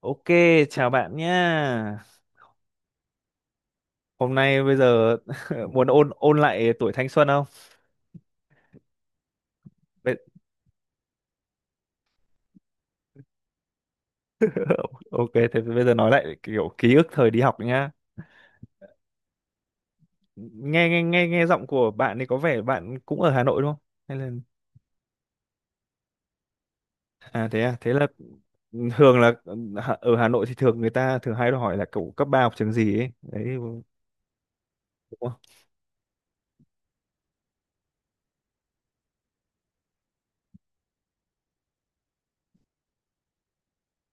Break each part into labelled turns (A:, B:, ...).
A: Ok, chào bạn nhá. Hôm nay bây giờ muốn ôn ôn lại tuổi thanh xuân không? Bây- Ok, thế bây giờ nói lại kiểu ký ức thời đi học nhá. Nghe nghe nghe nghe giọng của bạn thì có vẻ bạn cũng ở Hà Nội đúng không? Hay là à, thế là thường là Hà- ở Hà Nội thì thường người ta thường hay hỏi là cậu cấp ba học trường gì ấy. Đấy đúng không?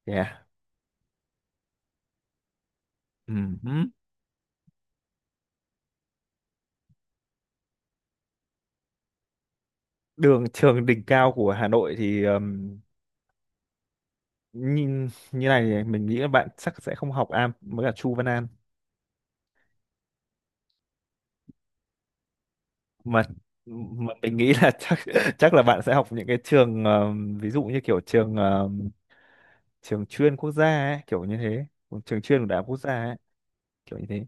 A: Yeah. Đường trường đỉnh cao của Hà Nội thì nhìn như này thì mình nghĩ là bạn chắc sẽ không học Am với cả Chu Văn An mà mình nghĩ là chắc chắc là bạn sẽ học những cái trường ví dụ như kiểu trường trường chuyên quốc gia ấy, kiểu như thế trường chuyên của đại học quốc gia ấy, kiểu như thế.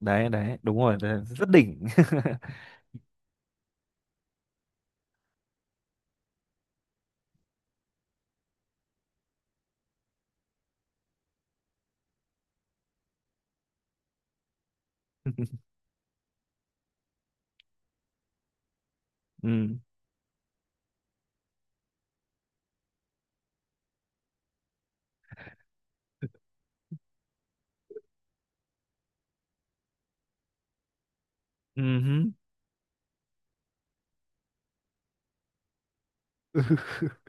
A: Đấy đấy đúng rồi đấy, rất đỉnh. Ừ. Ừ hứ.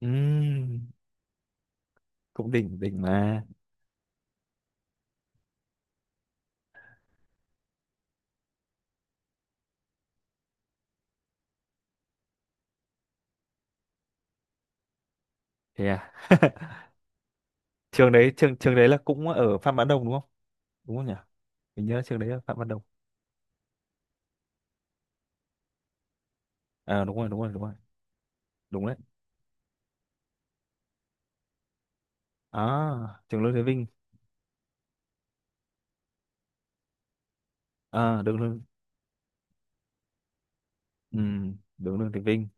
A: Ừ, cũng đỉnh đỉnh mà. Thế à? Trường đấy, trường trường đấy là cũng ở Phạm Văn Đồng đúng không? Đúng không nhỉ? Mình nhớ trường đấy ở Phạm Văn Đồng. À, đúng rồi. Đúng đấy. À, trường Lương Thế Vinh. À, đường Lương. Ừ, đường Lương Thế Vinh.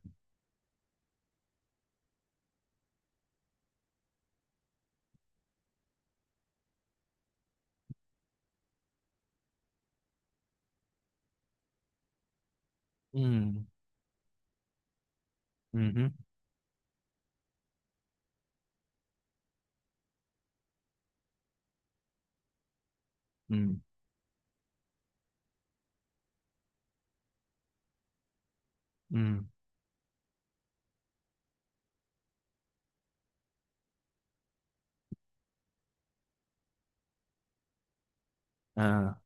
A: Ừ. Ừ hứ. Ừ. Ừ. À.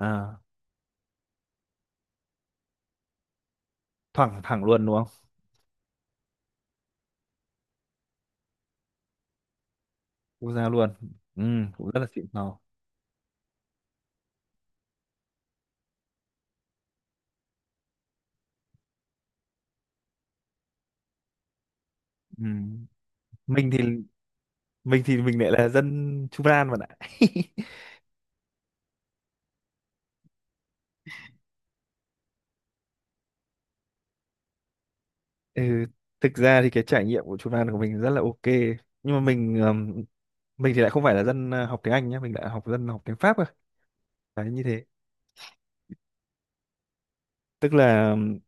A: À, thẳng thẳng luôn đúng không? Quốc gia luôn. Ừ, cũng rất là xịn sò. Ừ. mình thì mình thì mình lại là dân Chu Văn An bạn ạ. Ừ. Thực ra thì cái trải nghiệm của Chu Văn An của mình rất là ok, nhưng mà mình thì lại không phải là dân học tiếng Anh nhé, mình lại học dân học tiếng Pháp cơ. Đấy như thế. Tức là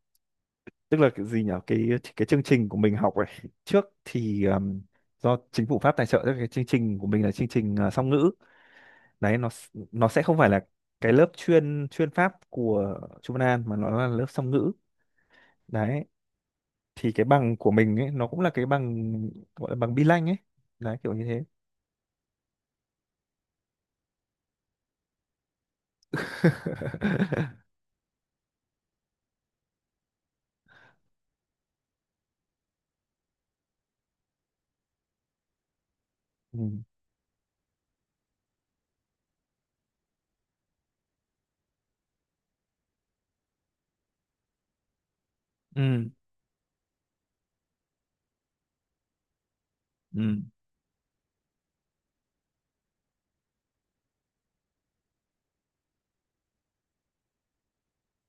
A: tức là cái gì nhỉ, cái chương trình của mình học ấy trước thì do chính phủ Pháp tài trợ cho cái chương trình của mình là chương trình song ngữ. Đấy nó s- nó sẽ không phải là cái lớp chuyên chuyên pháp của Trung Văn An mà nó là lớp song ngữ. Đấy thì cái bằng của mình ấy nó cũng là cái bằng, gọi là bằng bi lanh ấy, đấy kiểu như thế. Ừ. Ừ. Ừ.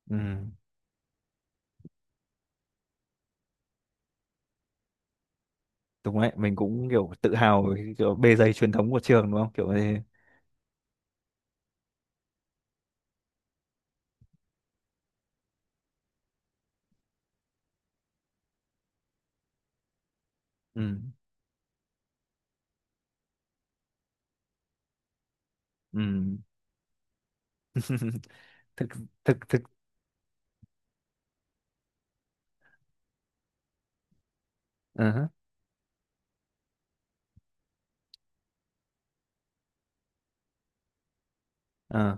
A: Ừ. Đúng đấy, mình cũng kiểu tự hào về cái kiểu bề dày truyền thống của trường đúng không, kiểu như thế. Ừ. Ừ. thực thực thực Ờ hả. Ờ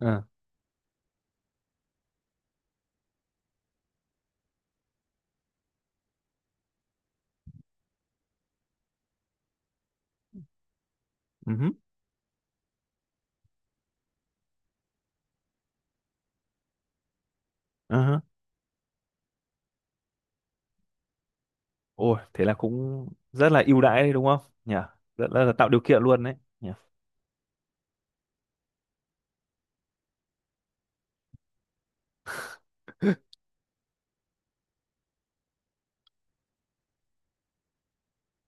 A: ờ. Ừ hứ. Ờ hả. Ôi, thế là cũng rất là ưu đãi đấy đúng không? Nhỉ? Rất là tạo điều kiện luôn đấy. Nhỉ?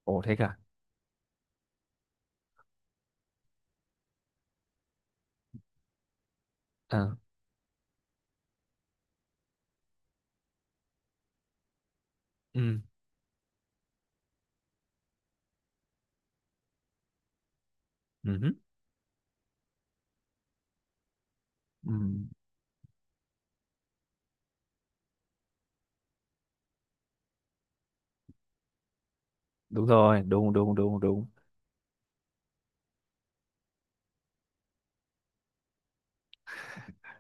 A: Ồ thế cả. À, ừ, ừ, ừ, đúng rồi, đúng đúng đúng đúng.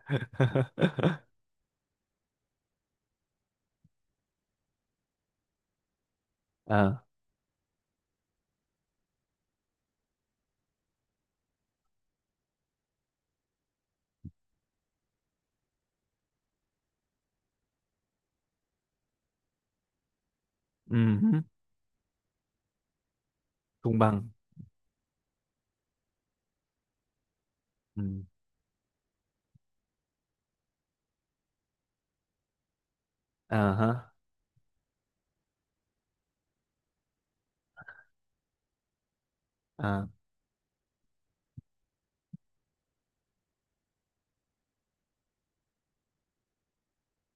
A: À, ừ, công bằng. Ừ. À ha. À,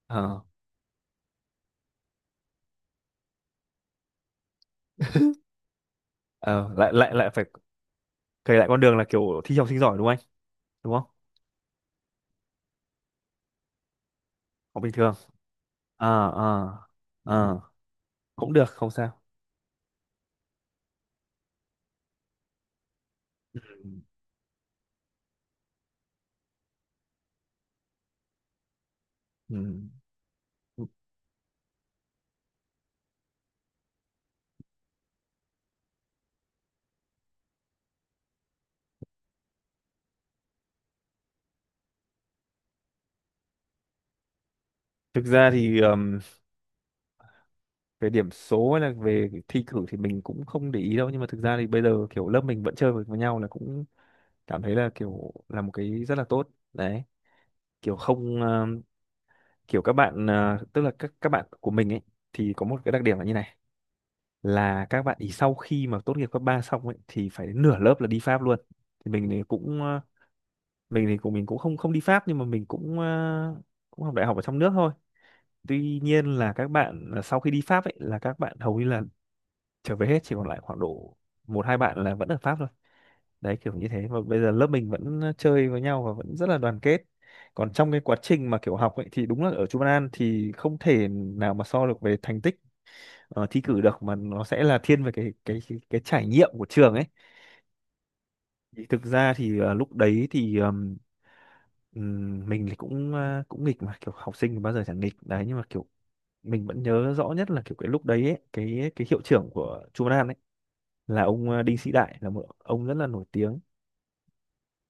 A: à, à, lại lại lại phải kể lại con đường là kiểu thi học sinh giỏi đúng không anh? Đúng không? Học bình thường. À. À. À, cũng được, không sao. Ừ. Ừ. Thực ra thì về điểm số hay là về thi cử thì mình cũng không để ý đâu, nhưng mà thực ra thì bây giờ kiểu lớp mình vẫn chơi với nhau là cũng cảm thấy là kiểu là một cái rất là tốt đấy, kiểu không kiểu các bạn tức là các bạn của mình ấy thì có một cái đặc điểm là như này, là các bạn ý sau khi mà tốt nghiệp cấp 3 xong ấy thì phải đến nửa lớp là đi Pháp luôn. Thì mình thì cũng mình thì của mình cũng không không đi Pháp, nhưng mà mình cũng cũng học đại học ở trong nước thôi. Tuy nhiên là các bạn sau khi đi Pháp ấy, là các bạn hầu như là trở về hết, chỉ còn lại khoảng độ một hai bạn là vẫn ở Pháp thôi. Đấy kiểu như thế, mà bây giờ lớp mình vẫn chơi với nhau và vẫn rất là đoàn kết. Còn trong cái quá trình mà kiểu học ấy thì đúng là ở Trung An thì không thể nào mà so được về thành tích thi cử được, mà nó sẽ là thiên về cái cái trải nghiệm của trường ấy. Thì thực ra thì lúc đấy thì mình thì cũng cũng nghịch, mà kiểu học sinh thì bao giờ chẳng nghịch. Đấy nhưng mà kiểu mình vẫn nhớ rõ nhất là kiểu cái lúc đấy ấy, cái hiệu trưởng của Trung An ấy là ông Đinh Sĩ Đại, là một ông rất là nổi tiếng.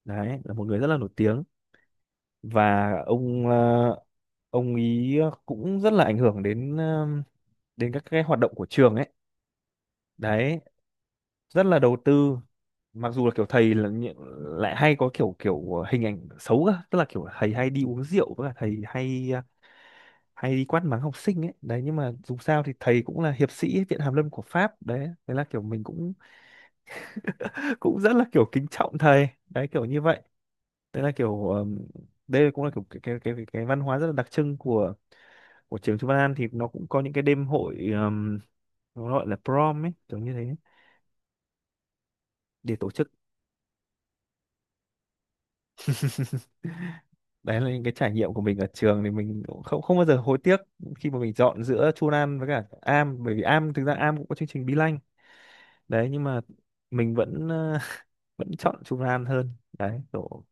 A: Đấy là một người rất là nổi tiếng. Và ông ông ý cũng rất là ảnh hưởng đến đến các cái hoạt động của trường ấy. Đấy rất là đầu tư. Mặc dù là kiểu thầy là nhị- lại hay có kiểu kiểu hình ảnh xấu cơ, tức là kiểu thầy hay đi uống rượu với cả thầy hay hay đi quát mắng học sinh ấy. Đấy nhưng mà dù sao thì thầy cũng là hiệp sĩ viện hàn lâm của Pháp. Đấy thế là kiểu mình cũng cũng rất là kiểu kính trọng thầy đấy, kiểu như vậy. Đấy là kiểu đây cũng là kiểu cái văn hóa rất là đặc trưng của trường Chu Văn An. Thì nó cũng có những cái đêm hội nó gọi là prom ấy, kiểu như thế, để tổ chức. Đấy là những cái trải nghiệm của mình ở trường thì mình cũng không không bao giờ hối tiếc khi mà mình chọn giữa Chu Văn An với cả Am, bởi vì Am thực ra Am cũng có chương trình Be Lanh. Đấy nhưng mà mình vẫn vẫn chọn Chu Văn An hơn đấy kiểu.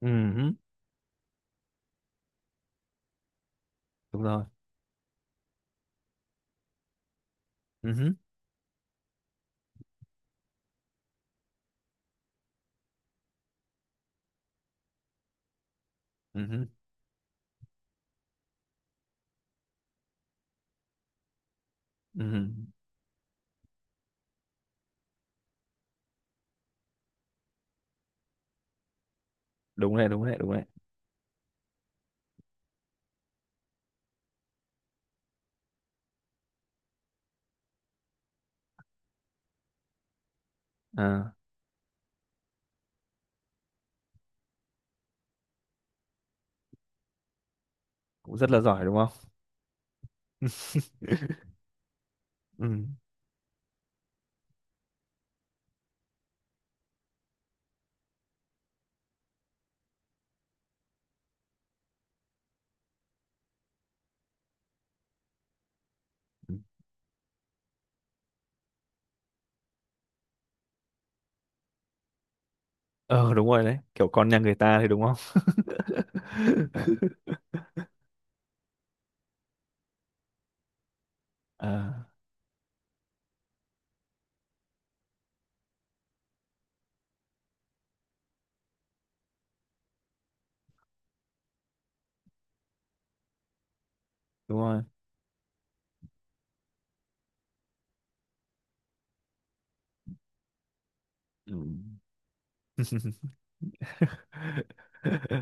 A: Ừ hứ. Đúng rồi. Ừ hứ. Ừ hứ. Ừ hứ. Đúng đấy. À, cũng rất là giỏi đúng không? Ừ. Ờ đúng rồi đấy, kiểu con nhà người ta thì đúng không? À, đúng rồi. Ừ.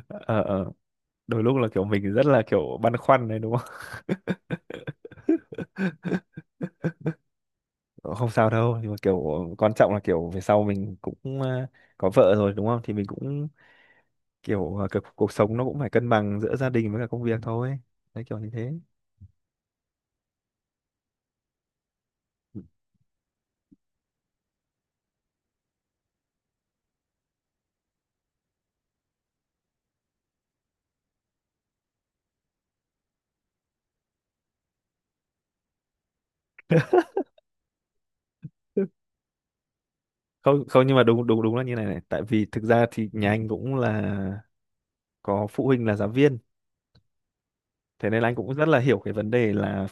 A: Ờ ờ. Đôi lúc là kiểu mình rất là kiểu băn khoăn đấy đúng không? Không sao đâu, nhưng mà kiểu quan trọng là kiểu về sau mình cũng có vợ rồi đúng không, thì mình cũng kiểu cuộc, cuộc sống nó cũng phải cân bằng giữa gia đình với cả công việc thôi. Đấy kiểu như thế. Ừ. Không không, nhưng mà đúng đúng đúng là như này này, tại vì thực ra thì nhà anh cũng là có phụ huynh là giáo viên, thế nên là anh cũng rất là hiểu cái vấn đề là,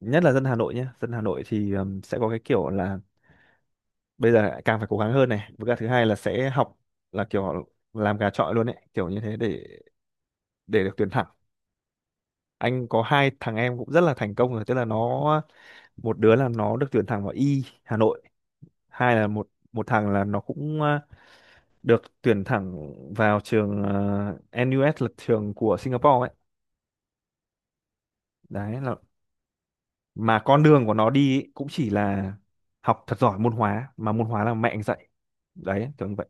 A: nhất là dân Hà Nội nhé, dân Hà Nội thì sẽ có cái kiểu là bây giờ càng phải cố gắng hơn này, với cả thứ hai là sẽ học là kiểu làm gà chọi luôn ấy, kiểu như thế để được tuyển thẳng. Anh có hai thằng em cũng rất là thành công rồi, tức là nó một đứa là nó được tuyển thẳng vào Y Hà Nội, hai là một một thằng là nó cũng được tuyển thẳng vào trường NUS là trường của Singapore ấy. Đấy là mà con đường của nó đi ấy, cũng chỉ là học thật giỏi môn hóa, mà môn hóa là mẹ anh dạy. Đấy kiểu như vậy.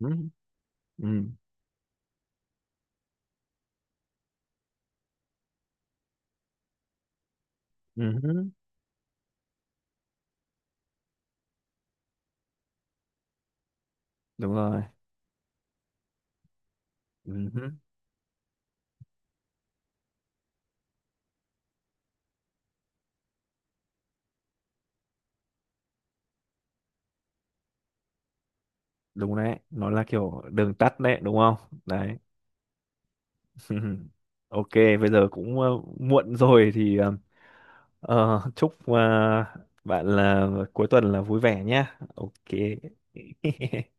A: Ừ. Ừ. Ừ. Đúng rồi. Ừ. Đúng đấy, nó là kiểu đường tắt đấy đúng không? Đấy. Ok, bây giờ cũng muộn rồi thì chúc bạn là cuối tuần là vui vẻ nhá. Ok.